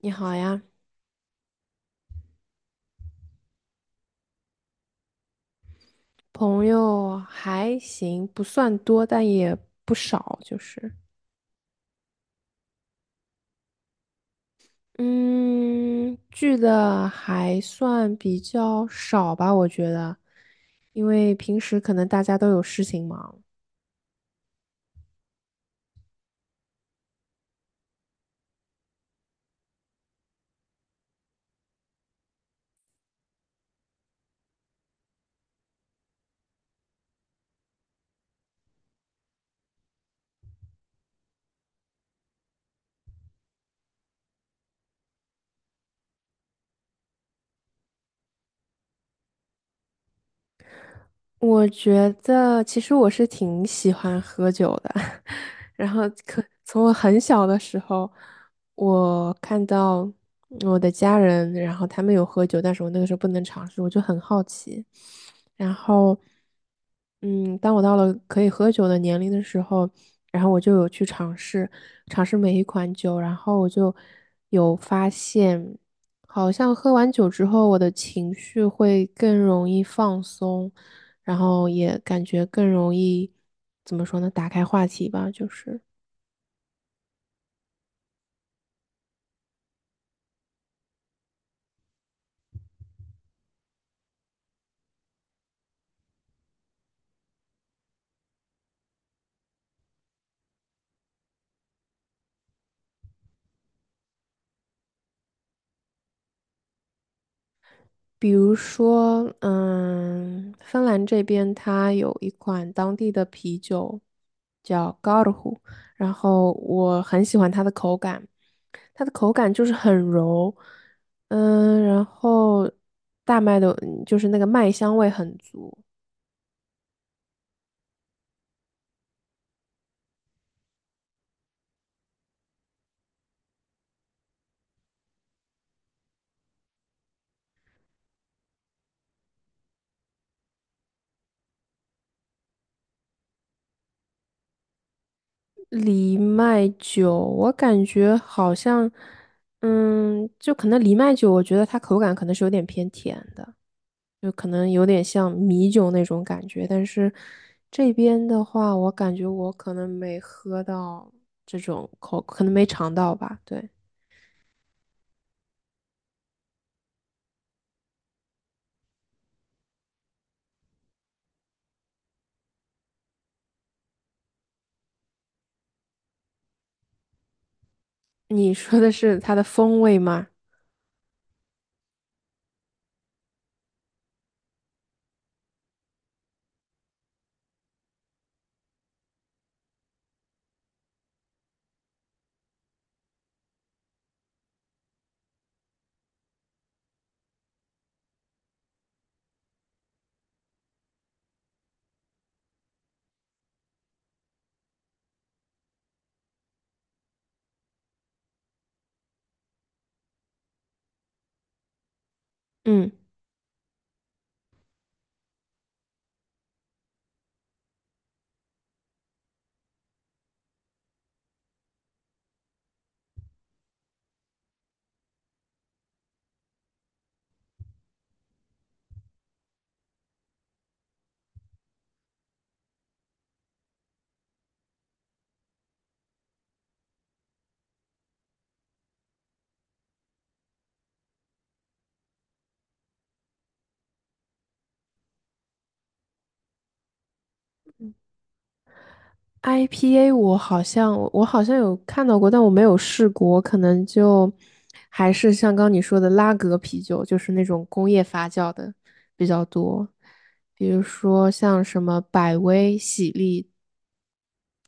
你好呀。朋友还行，不算多，但也不少，就是，嗯，聚的还算比较少吧，我觉得，因为平时可能大家都有事情忙。我觉得其实我是挺喜欢喝酒的。然后可从我很小的时候，我看到我的家人，然后他们有喝酒，但是我那个时候不能尝试，我就很好奇。然后，嗯，当我到了可以喝酒的年龄的时候，然后我就有去尝试每一款酒，然后我就有发现，好像喝完酒之后，我的情绪会更容易放松，然后也感觉更容易，怎么说呢，打开话题吧，就是。比如说，芬兰这边它有一款当地的啤酒叫 Karhu,然后我很喜欢它的口感，它的口感就是很柔，然后大麦的，就是那个麦香味很足。藜麦酒，我感觉好像，就可能藜麦酒，我觉得它口感可能是有点偏甜的。就可能有点像米酒那种感觉，但是这边的话，我感觉我可能没喝到这种口，可能没尝到吧。对，你说的是它的风味吗？嗯，IPA 我好像有看到过，但我没有试过，我可能就还是像刚你说的拉格啤酒，就是那种工业发酵的比较多，比如说像什么百威、喜力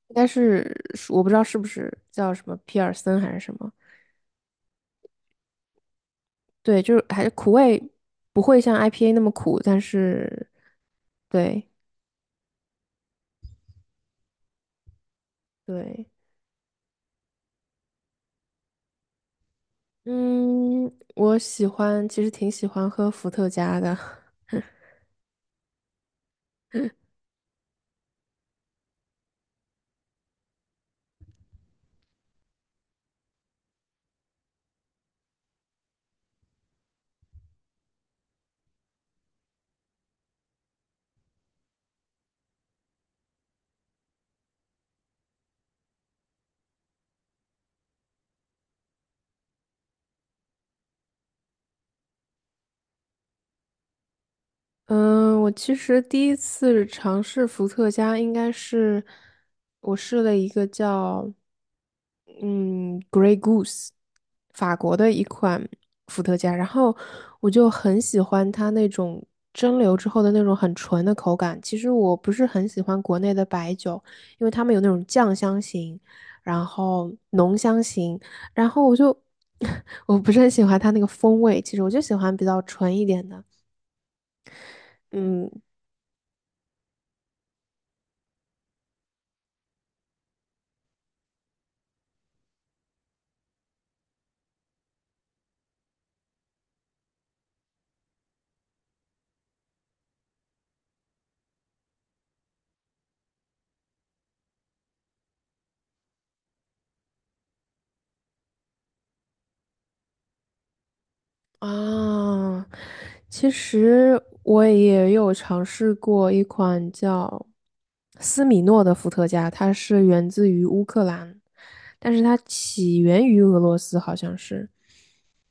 应该是我不知道是不是叫什么皮尔森还是什么，对，就是还是苦味不会像 IPA 那么苦，但是对对。嗯，我喜欢，其实挺喜欢喝伏特加的，嗯，我其实第一次尝试伏特加，应该是我试了一个叫嗯 Grey Goose, 法国的一款伏特加，然后我就很喜欢它那种蒸馏之后的那种很纯的口感。其实我不是很喜欢国内的白酒，因为他们有那种酱香型，然后浓香型，然后我就 我不是很喜欢它那个风味。其实我就喜欢比较纯一点的。嗯。啊，其实我也有尝试过一款叫斯米诺的伏特加，它是源自于乌克兰，但是它起源于俄罗斯，好像是。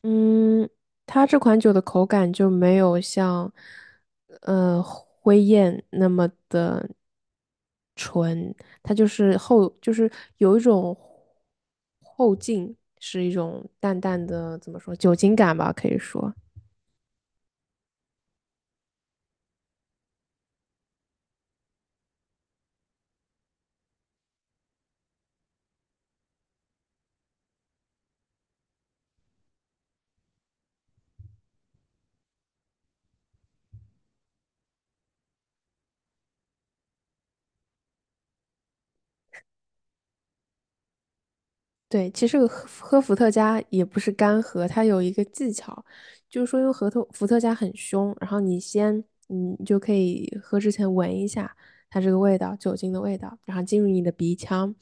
嗯，它这款酒的口感就没有像灰雁那么的，它就是后就是有一种后劲，是一种淡淡的怎么说酒精感吧，可以说。对，其实喝伏特加也不是干喝，它有一个技巧，就是说因为核桃伏特加很凶，然后你就可以喝之前闻一下它这个味道，酒精的味道，然后进入你的鼻腔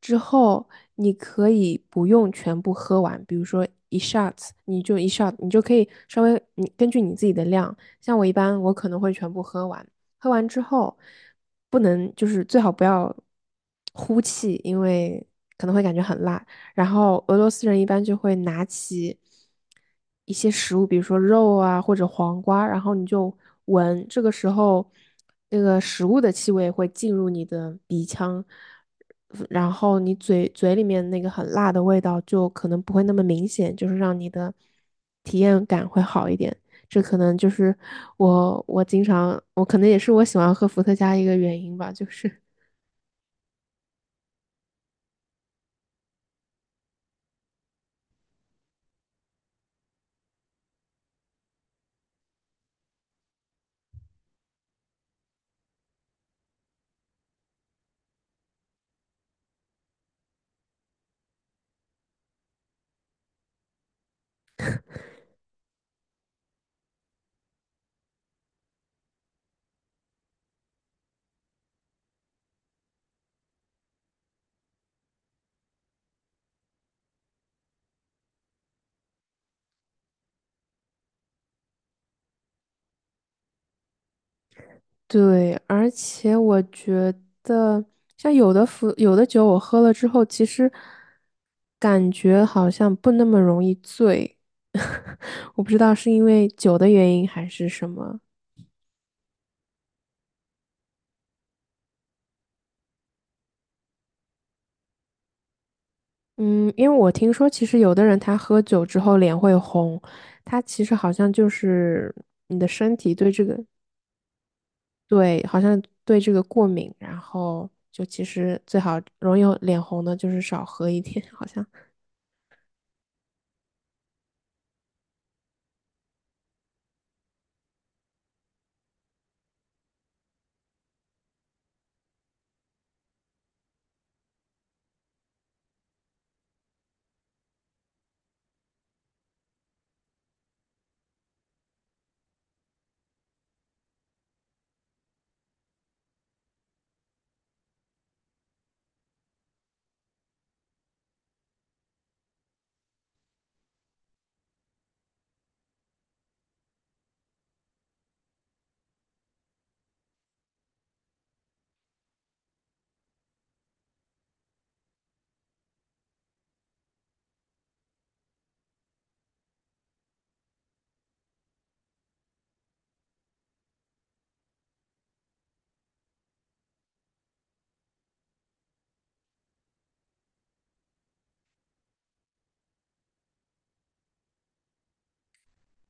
之后，你可以不用全部喝完，比如说一 shot,你就一 shot,你就可以稍微你根据你自己的量，像我一般我可能会全部喝完，喝完之后不能就是最好不要呼气，因为可能会感觉很辣。然后俄罗斯人一般就会拿起一些食物，比如说肉啊或者黄瓜，然后你就闻，这个时候那个食物的气味会进入你的鼻腔，然后你嘴里面那个很辣的味道就可能不会那么明显，就是让你的体验感会好一点。这可能就是我我经常我可能也是我喜欢喝伏特加一个原因吧，就是对，而且我觉得像有的酒我喝了之后，其实感觉好像不那么容易醉，我不知道是因为酒的原因还是什么。嗯，因为我听说，其实有的人他喝酒之后脸会红，他其实好像就是你的身体对这个。对，好像对这个过敏，然后就其实最好容易脸红的就是少喝一点，好像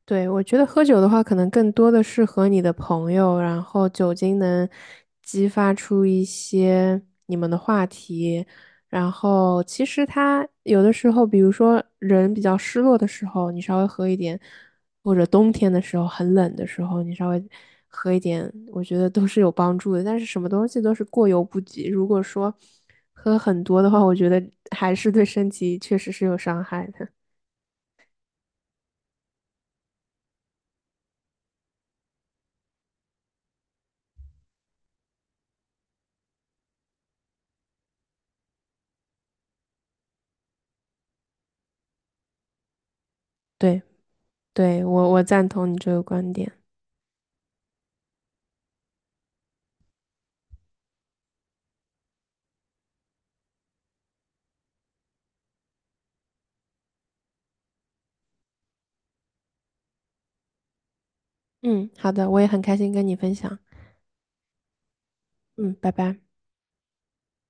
对，我觉得喝酒的话，可能更多的是和你的朋友，然后酒精能激发出一些你们的话题。然后其实它有的时候，比如说人比较失落的时候，你稍微喝一点，或者冬天的时候很冷的时候，你稍微喝一点，我觉得都是有帮助的。但是什么东西都是过犹不及，如果说喝很多的话，我觉得还是对身体确实是有伤害的。对。对，我赞同你这个观点。嗯，好的，我也很开心跟你分享。嗯，拜拜。